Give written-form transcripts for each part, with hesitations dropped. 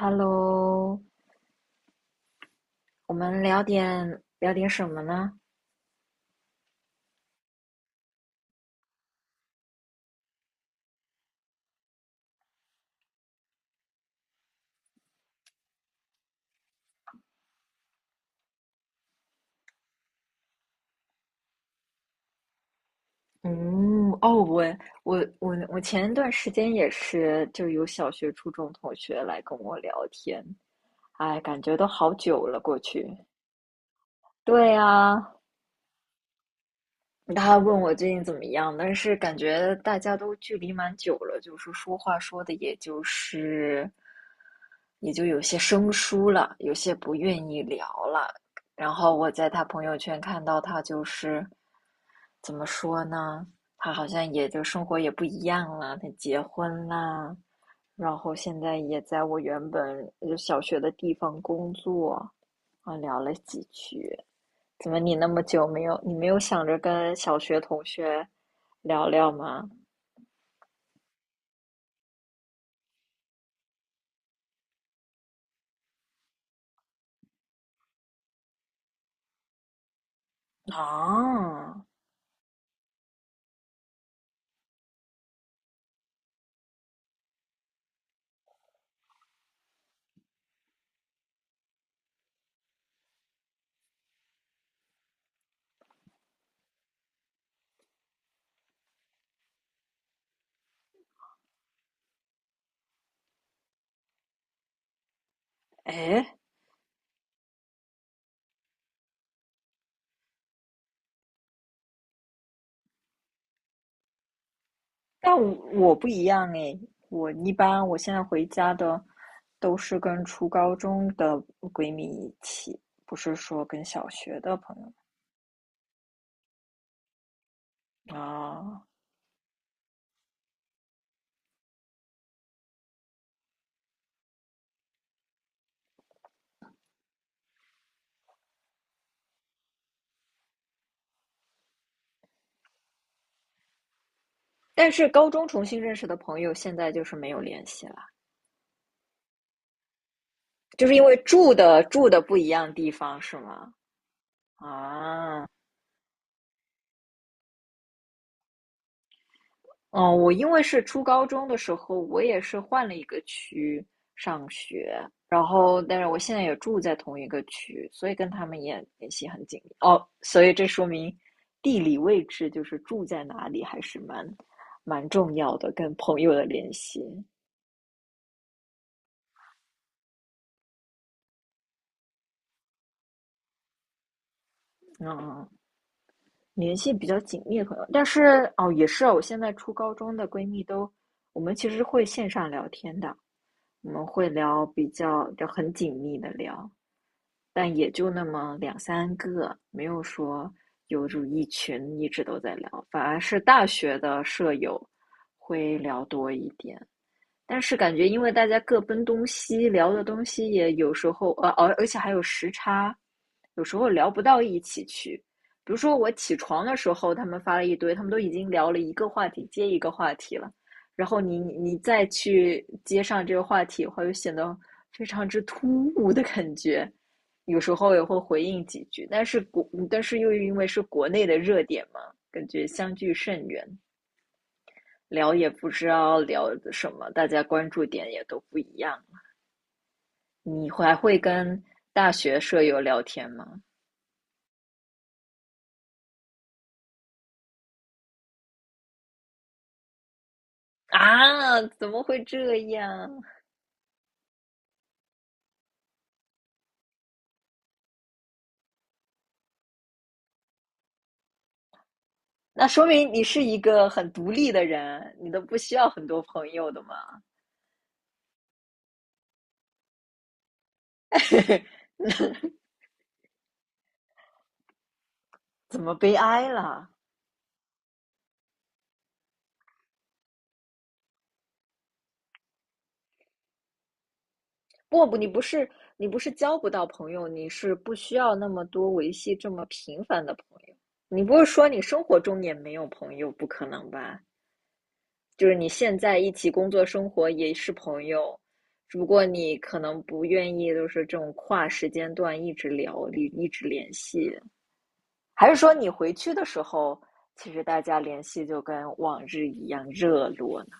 Hello,我们聊点什么呢？嗯，哦，我前一段时间也是，就有小学、初中同学来跟我聊天，哎，感觉都好久了，过去。对呀，他问我最近怎么样，但是感觉大家都距离蛮久了，就是说话说的也就是有些生疏了，有些不愿意聊了。然后我在他朋友圈看到他就是怎么说呢？他好像也就生活也不一样了，他结婚啦，然后现在也在我原本就小学的地方工作，啊，聊了几句。怎么你那么久没有，你没有想着跟小学同学聊聊吗？啊，哎，但我不一样哎，我一般我现在回家的都是跟初高中的闺蜜一起，不是说跟小学的朋友啊。但是高中重新认识的朋友，现在就是没有联系了，就是因为住的不一样地方，是吗？啊，嗯，我因为是初高中的时候，我也是换了一个区上学，然后但是我现在也住在同一个区，所以跟他们也联系很紧密。哦，所以这说明地理位置就是住在哪里还是蛮重要的，跟朋友的联系，嗯，联系比较紧密的朋友。但是哦，也是啊，我现在初高中的闺蜜都，我们其实会线上聊天的，我们会聊比较就很紧密的聊。但也就那么两三个，没有说有就一群一直都在聊，反而是大学的舍友会聊多一点。但是感觉因为大家各奔东西，聊的东西也有时候，而且还有时差，有时候聊不到一起去。比如说我起床的时候，他们发了一堆，他们都已经聊了一个话题接一个话题了，然后你再去接上这个话题的话，就显得非常之突兀的感觉。有时候也会回应几句，但是又因为是国内的热点嘛，感觉相距甚远。聊也不知道聊什么，大家关注点也都不一样。你还会跟大学舍友聊天吗？啊，怎么会这样？那说明你是一个很独立的人，你都不需要很多朋友的嘛？怎么悲哀了？不不，你不是你不是交不到朋友，你是不需要那么多维系这么频繁的朋友。你不是说你生活中也没有朋友？不可能吧？就是你现在一起工作生活也是朋友，只不过你可能不愿意，就是这种跨时间段一直聊，一直联系，还是说你回去的时候，其实大家联系就跟往日一样热络呢？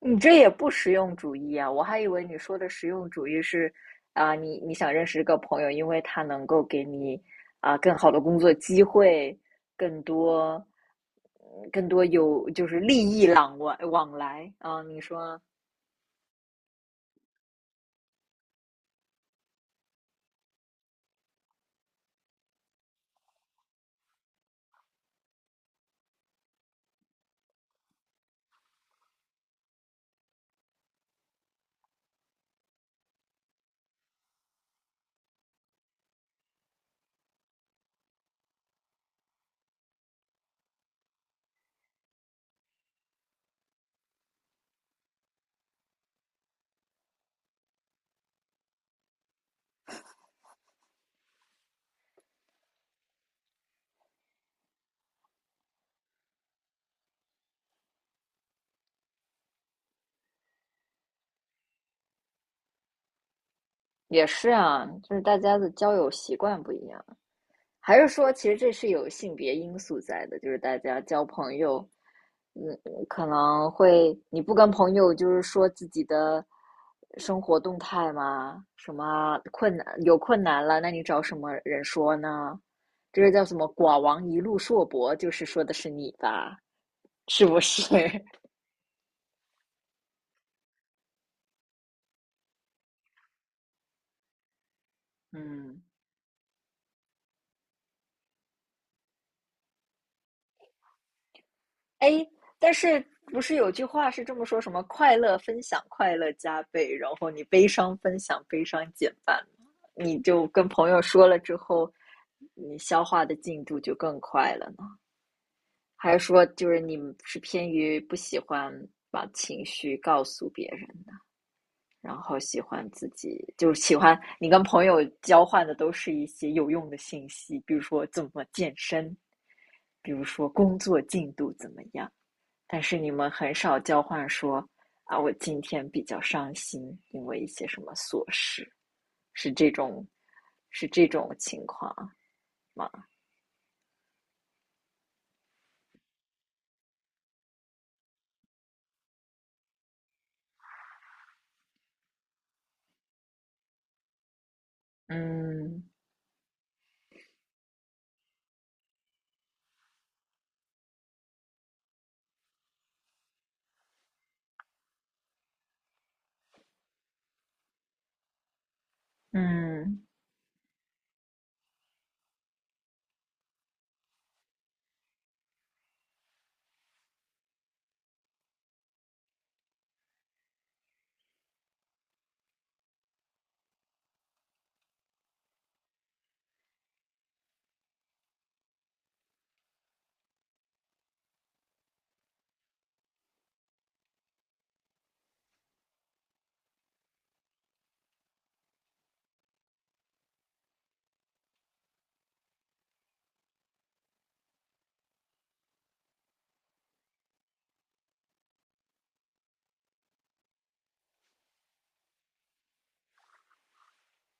你这也不实用主义啊！我还以为你说的实用主义是，啊、你你想认识一个朋友，因为他能够给你啊、更好的工作机会，更多嗯更多有就是利益往来啊、你说也是啊，就是大家的交友习惯不一样，还是说其实这是有性别因素在的，就是大家交朋友嗯，可能会，你不跟朋友就是说自己的生活动态吗？什么困难，有困难了，那你找什么人说呢？这个叫什么"寡王一路硕博"，就是说的是你吧？是不是？嗯，哎，但是不是有句话是这么说，什么快乐分享快乐加倍，然后你悲伤分享悲伤减半吗？你就跟朋友说了之后，你消化的进度就更快了。还是说就是你们是偏于不喜欢把情绪告诉别人的，然后喜欢自己就是喜欢你跟朋友交换的都是一些有用的信息，比如说怎么健身，比如说工作进度怎么样，但是你们很少交换说啊，我今天比较伤心，因为一些什么琐事，是这种是这种情况吗？嗯嗯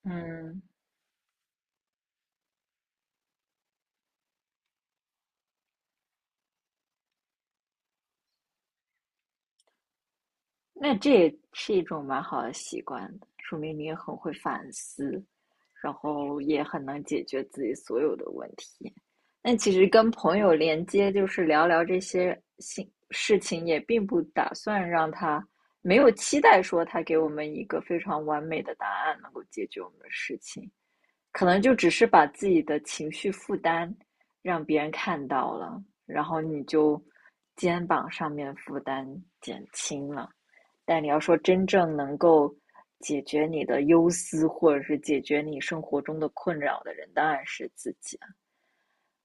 嗯。那这也是一种蛮好的习惯的说明你也很会反思，然后也很能解决自己所有的问题。那其实跟朋友连接，就是聊聊这些心事情，也并不打算让他没有期待说他给我们一个非常完美的答案，能够解决我们的事情，可能就只是把自己的情绪负担让别人看到了，然后你就肩膀上面负担减轻了。但你要说真正能够解决你的忧思，或者是解决你生活中的困扰的人，当然是自己啊。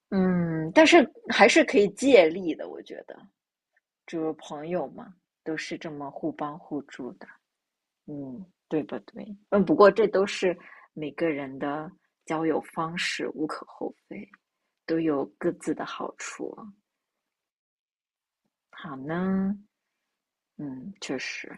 嗯，但是还是可以借力的，我觉得，就是朋友嘛，都是这么互帮互助的，嗯，对不对？嗯，不过这都是每个人的交友方式，无可厚非，都有各自的好处啊好呢，嗯，确实。